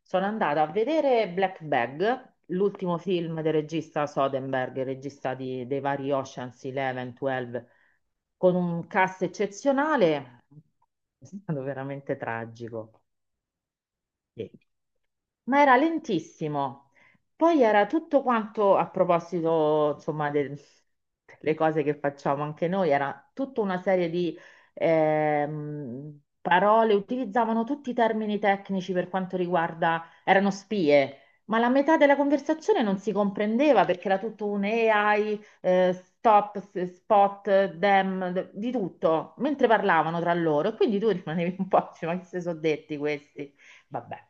Sono andata a vedere Black Bag, l'ultimo film del regista Soderbergh, il regista dei vari Ocean's 11, 12, con un cast eccezionale, è stato veramente tragico. Sì, ma era lentissimo. Poi era tutto quanto, a proposito, insomma, delle cose che facciamo anche noi, era tutta una serie di parole, utilizzavano tutti i termini tecnici per quanto riguarda, erano spie, ma la metà della conversazione non si comprendeva perché era tutto un AI, stop, spot, them, di tutto, mentre parlavano tra loro, e quindi tu rimanevi un po', dici, ma che si sono detti questi? Vabbè,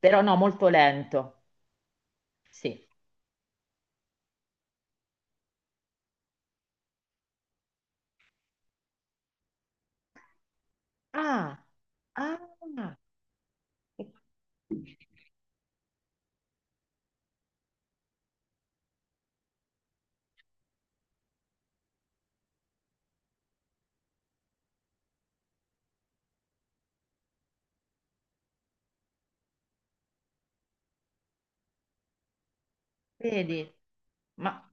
però no, molto lento. Sì. Ah, ah, vedi, ma,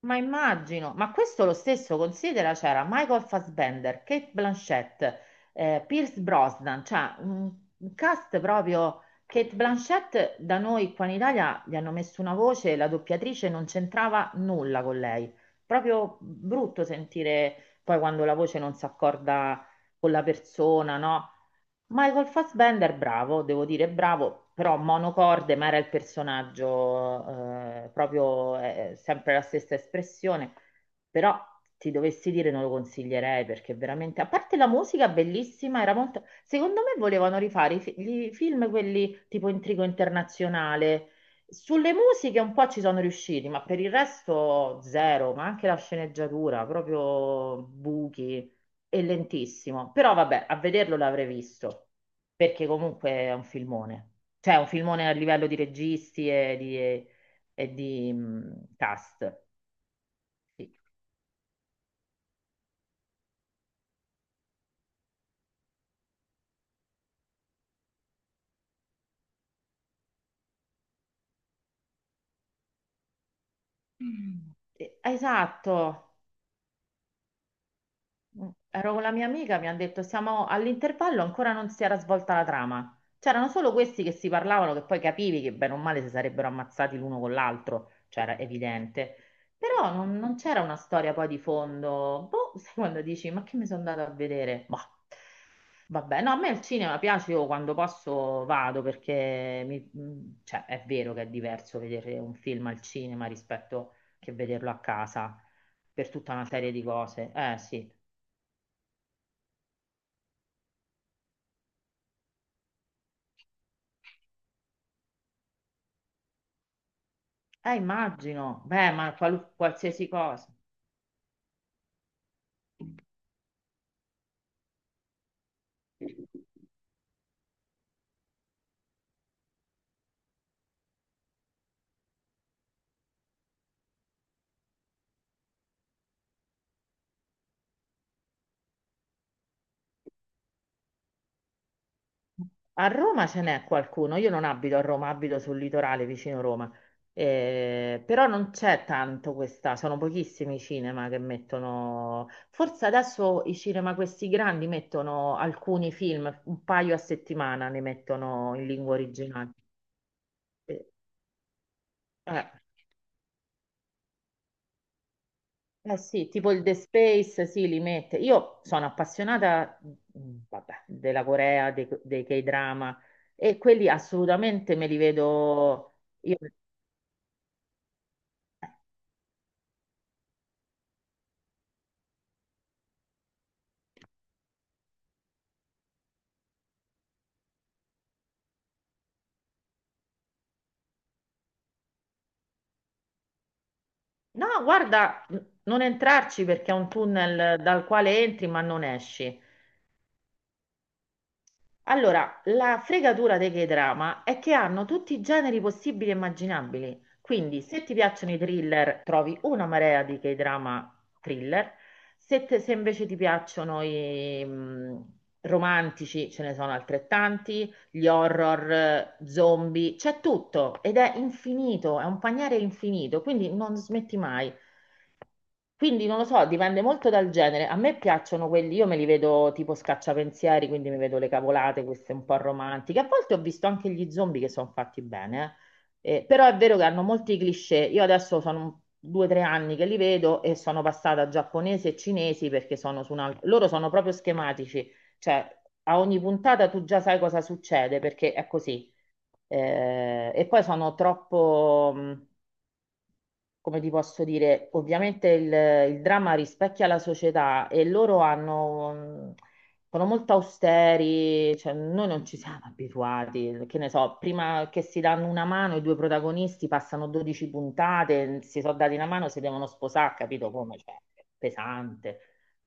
ma immagino, ma questo lo stesso considera, c'era Michael Fassbender, Kate Blanchett, Pierce Brosnan, cioè un cast proprio... Kate Blanchett da noi qua in Italia gli hanno messo una voce, la doppiatrice non c'entrava nulla con lei. Proprio brutto sentire poi quando la voce non si accorda con la persona, no? Michael Fassbender, bravo, devo dire bravo, però monocorde, ma era il personaggio, proprio sempre la stessa espressione, però ti dovessi dire non lo consiglierei perché veramente, a parte la musica bellissima, era molto... Secondo me volevano rifare i, i film, quelli tipo Intrigo Internazionale, sulle musiche un po' ci sono riusciti, ma per il resto zero, ma anche la sceneggiatura, proprio buchi, è lentissimo, però vabbè, a vederlo l'avrei visto, perché comunque è un filmone, cioè è un filmone a livello di registi e di, cast. Sì. Mm. Esatto. Ero con la mia amica, mi ha detto siamo all'intervallo, ancora non si era svolta la trama. C'erano solo questi che si parlavano, che poi capivi che bene o male si sarebbero ammazzati l'uno con l'altro, cioè era evidente. Però non c'era una storia poi di fondo. Boh, sai quando dici, ma che mi sono andata a vedere? Boh. Vabbè, no, a me il cinema piace, io quando posso vado perché cioè, è vero che è diverso vedere un film al cinema rispetto che vederlo a casa per tutta una serie di cose. Eh sì. Immagino, beh, ma qualsiasi cosa. A Roma ce n'è qualcuno, io non abito a Roma, abito sul litorale vicino Roma. Però non c'è tanto questa, sono pochissimi i cinema che mettono, forse adesso i cinema questi grandi mettono alcuni film, un paio a settimana ne mettono in lingua originale. Eh, eh. Eh sì, tipo il The Space, sì, li mette. Io sono appassionata, vabbè, della Corea, dei K-drama, e quelli assolutamente me li vedo io. No, guarda, non entrarci perché è un tunnel dal quale entri ma non esci. Allora, la fregatura dei K-drama è che hanno tutti i generi possibili e immaginabili. Quindi, se ti piacciono i thriller, trovi una marea di K-drama thriller. Se invece ti piacciono i romantici, ce ne sono altrettanti, gli horror, zombie, c'è tutto ed è infinito, è un paniere infinito, quindi non smetti mai. Quindi non lo so, dipende molto dal genere. A me piacciono quelli, io me li vedo tipo scacciapensieri, quindi mi vedo le cavolate, queste un po' romantiche. A volte ho visto anche gli zombie che sono fatti bene, eh. Però è vero che hanno molti cliché. Io adesso sono due o tre anni che li vedo e sono passata a giapponese e cinesi perché sono su un altro... Loro sono proprio schematici, cioè a ogni puntata tu già sai cosa succede perché è così. E poi sono troppo... come ti posso dire, ovviamente il dramma rispecchia la società e loro hanno, sono molto austeri, cioè noi non ci siamo abituati, che ne so, prima che si danno una mano i due protagonisti passano 12 puntate, si sono dati una mano, si devono sposare, capito come? Cioè, è pesante.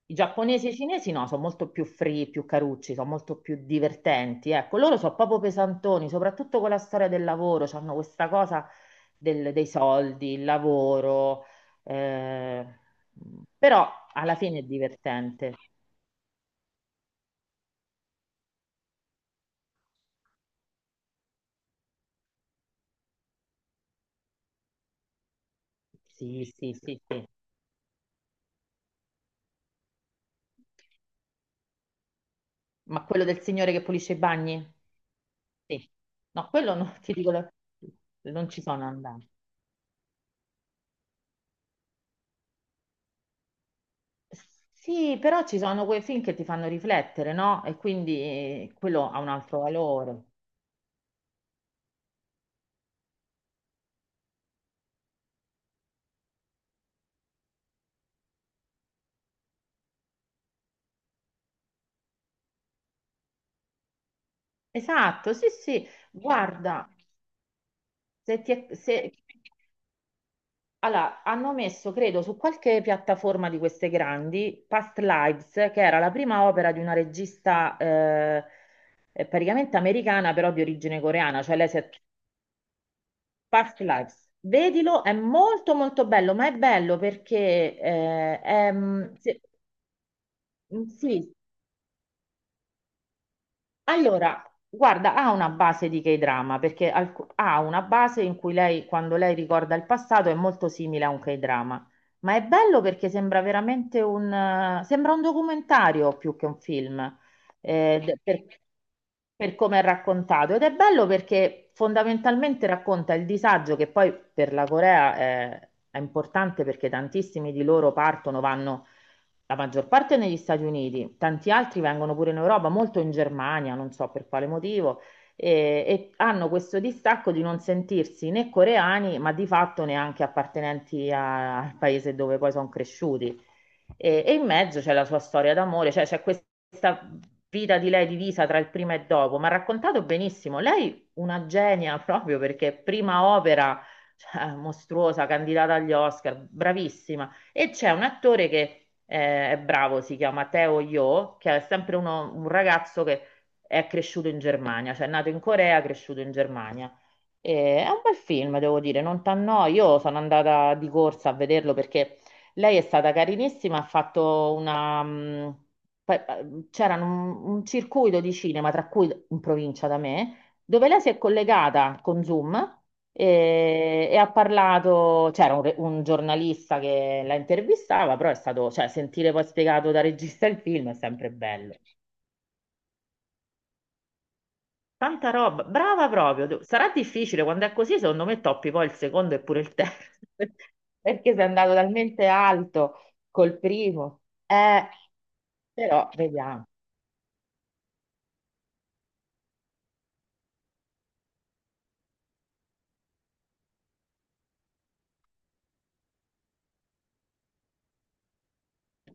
I giapponesi e i cinesi no, sono molto più free, più carucci, sono molto più divertenti. Ecco, loro sono proprio pesantoni, soprattutto con la storia del lavoro, hanno questa cosa dei soldi, il lavoro, eh, però alla fine è divertente. Sì, sì, sì, sì. Ma quello del signore che pulisce i bagni? Sì. No, quello no, ti dico, non ci sono andata. Sì, però ci sono quei film che ti fanno riflettere, no? E quindi quello ha un altro valore. Esatto, sì, sì. Guarda, se ti è- se- allora, hanno messo, credo, su qualche piattaforma di queste grandi, Past Lives, che era la prima opera di una regista praticamente americana, però di origine coreana, cioè lei si è... Past Lives. Vedilo, è molto molto bello, ma è bello perché è, mm, se- mm, sì, allora, guarda, ha una base di K-drama perché ha una base in cui lei, quando lei ricorda il passato, è molto simile a un K-drama. Ma è bello perché sembra veramente sembra un documentario più che un film, per, come è raccontato. Ed è bello perché fondamentalmente racconta il disagio che poi per la Corea è importante perché tantissimi di loro partono, vanno la maggior parte è negli Stati Uniti, tanti altri vengono pure in Europa, molto in Germania, non so per quale motivo, e hanno questo distacco di non sentirsi né coreani, ma di fatto neanche appartenenti al paese dove poi sono cresciuti. E in mezzo c'è la sua storia d'amore, cioè c'è questa vita di lei divisa tra il prima e dopo, ma ha raccontato benissimo. Lei una genia proprio perché prima opera, cioè, mostruosa, candidata agli Oscar, bravissima. E c'è un attore che è bravo, si chiama Teo Yo, che è sempre un ragazzo che è cresciuto in Germania, cioè è nato in Corea, cresciuto in Germania. E è un bel film, devo dire, non t'annoi. Io sono andata di corsa a vederlo perché lei è stata carinissima, ha fatto una... pa- pa- C'era un circuito di cinema, tra cui in provincia da me, dove lei si è collegata con Zoom, e ha parlato, c'era un giornalista che la intervistava, però è stato, cioè, sentire poi spiegato da regista il film è sempre bello. Tanta roba, brava proprio. Sarà difficile quando è così, secondo me toppi poi il secondo e pure il terzo, perché sei andato talmente alto col primo. Eh, però vediamo.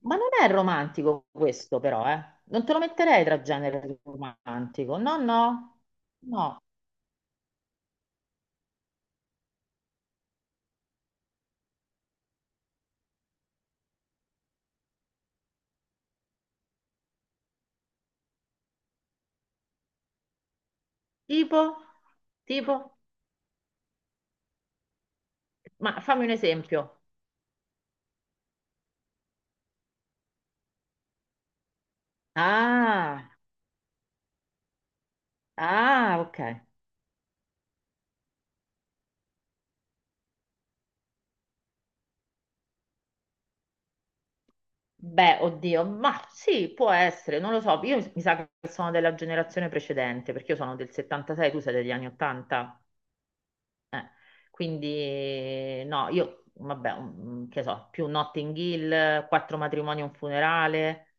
Ma non è romantico questo, però, eh. Non te lo metterei tra genere romantico. No, no, no. Tipo? Tipo? Ma fammi un esempio. Ah, ah, ok. Beh, oddio, ma sì, può essere, non lo so. Io mi sa che sono della generazione precedente, perché io sono del 76, tu sei degli anni 80. Eh, quindi, no, io, vabbè, che so, più Notting Hill, quattro matrimoni e un funerale.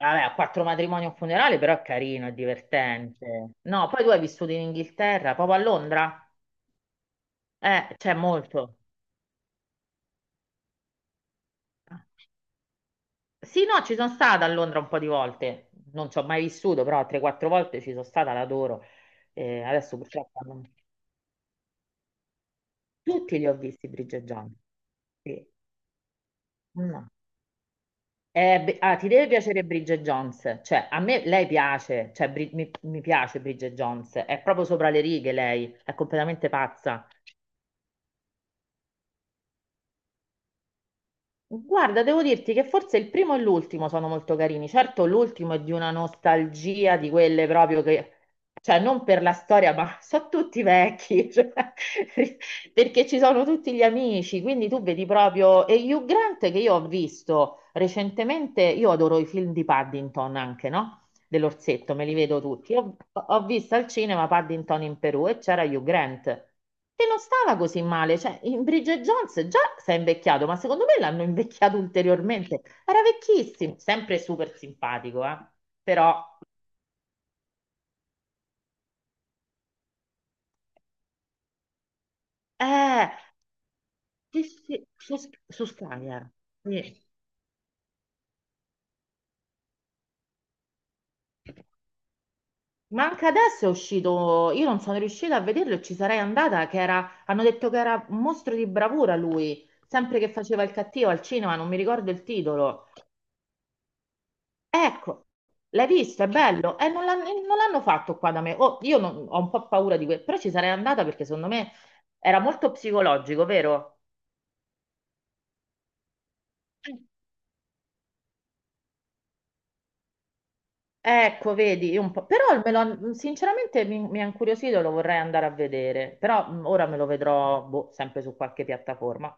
Vabbè, quattro matrimoni e un funerale, però è carino, è divertente. No, poi tu hai vissuto in Inghilterra, proprio a Londra? C'è molto. Sì, no, ci sono stata a Londra un po' di volte, non ci ho mai vissuto, però 3-4 volte ci sono stata, l'adoro. Adesso purtroppo non... Tutti li ho visti Bridget Jones. Sì. No. Beh, ah, ti deve piacere Bridget Jones, cioè a me lei piace, cioè, mi piace Bridget Jones, è proprio sopra le righe lei, è completamente pazza. Guarda, devo dirti che forse il primo e l'ultimo sono molto carini. Certo, l'ultimo è di una nostalgia di quelle proprio che, cioè, non per la storia, ma sono tutti vecchi, cioè, perché ci sono tutti gli amici. Quindi tu vedi proprio. E Hugh Grant che io ho visto recentemente, io adoro i film di Paddington anche, no? Dell'orsetto, me li vedo tutti. Ho visto al cinema Paddington in Perù e c'era Hugh Grant, che non stava così male, cioè in Bridget Jones già si è invecchiato, ma secondo me l'hanno invecchiato ulteriormente. Era vecchissimo, sempre super simpatico, eh. Però, eh, sì, sì, su Sky, eh. Sì. Ma anche adesso è uscito, io non sono riuscita a vederlo e ci sarei andata, che era, hanno detto che era un mostro di bravura lui, sempre che faceva il cattivo al cinema, non mi ricordo il titolo. Ecco, l'hai visto, è bello. E non non l'hanno fatto qua da me. Oh, io ho un po' paura di questo, però ci sarei andata perché secondo me era molto psicologico, vero? Ecco, vedi, io un po'... però sinceramente mi ha incuriosito, lo vorrei andare a vedere, però ora me lo vedrò boh, sempre su qualche piattaforma.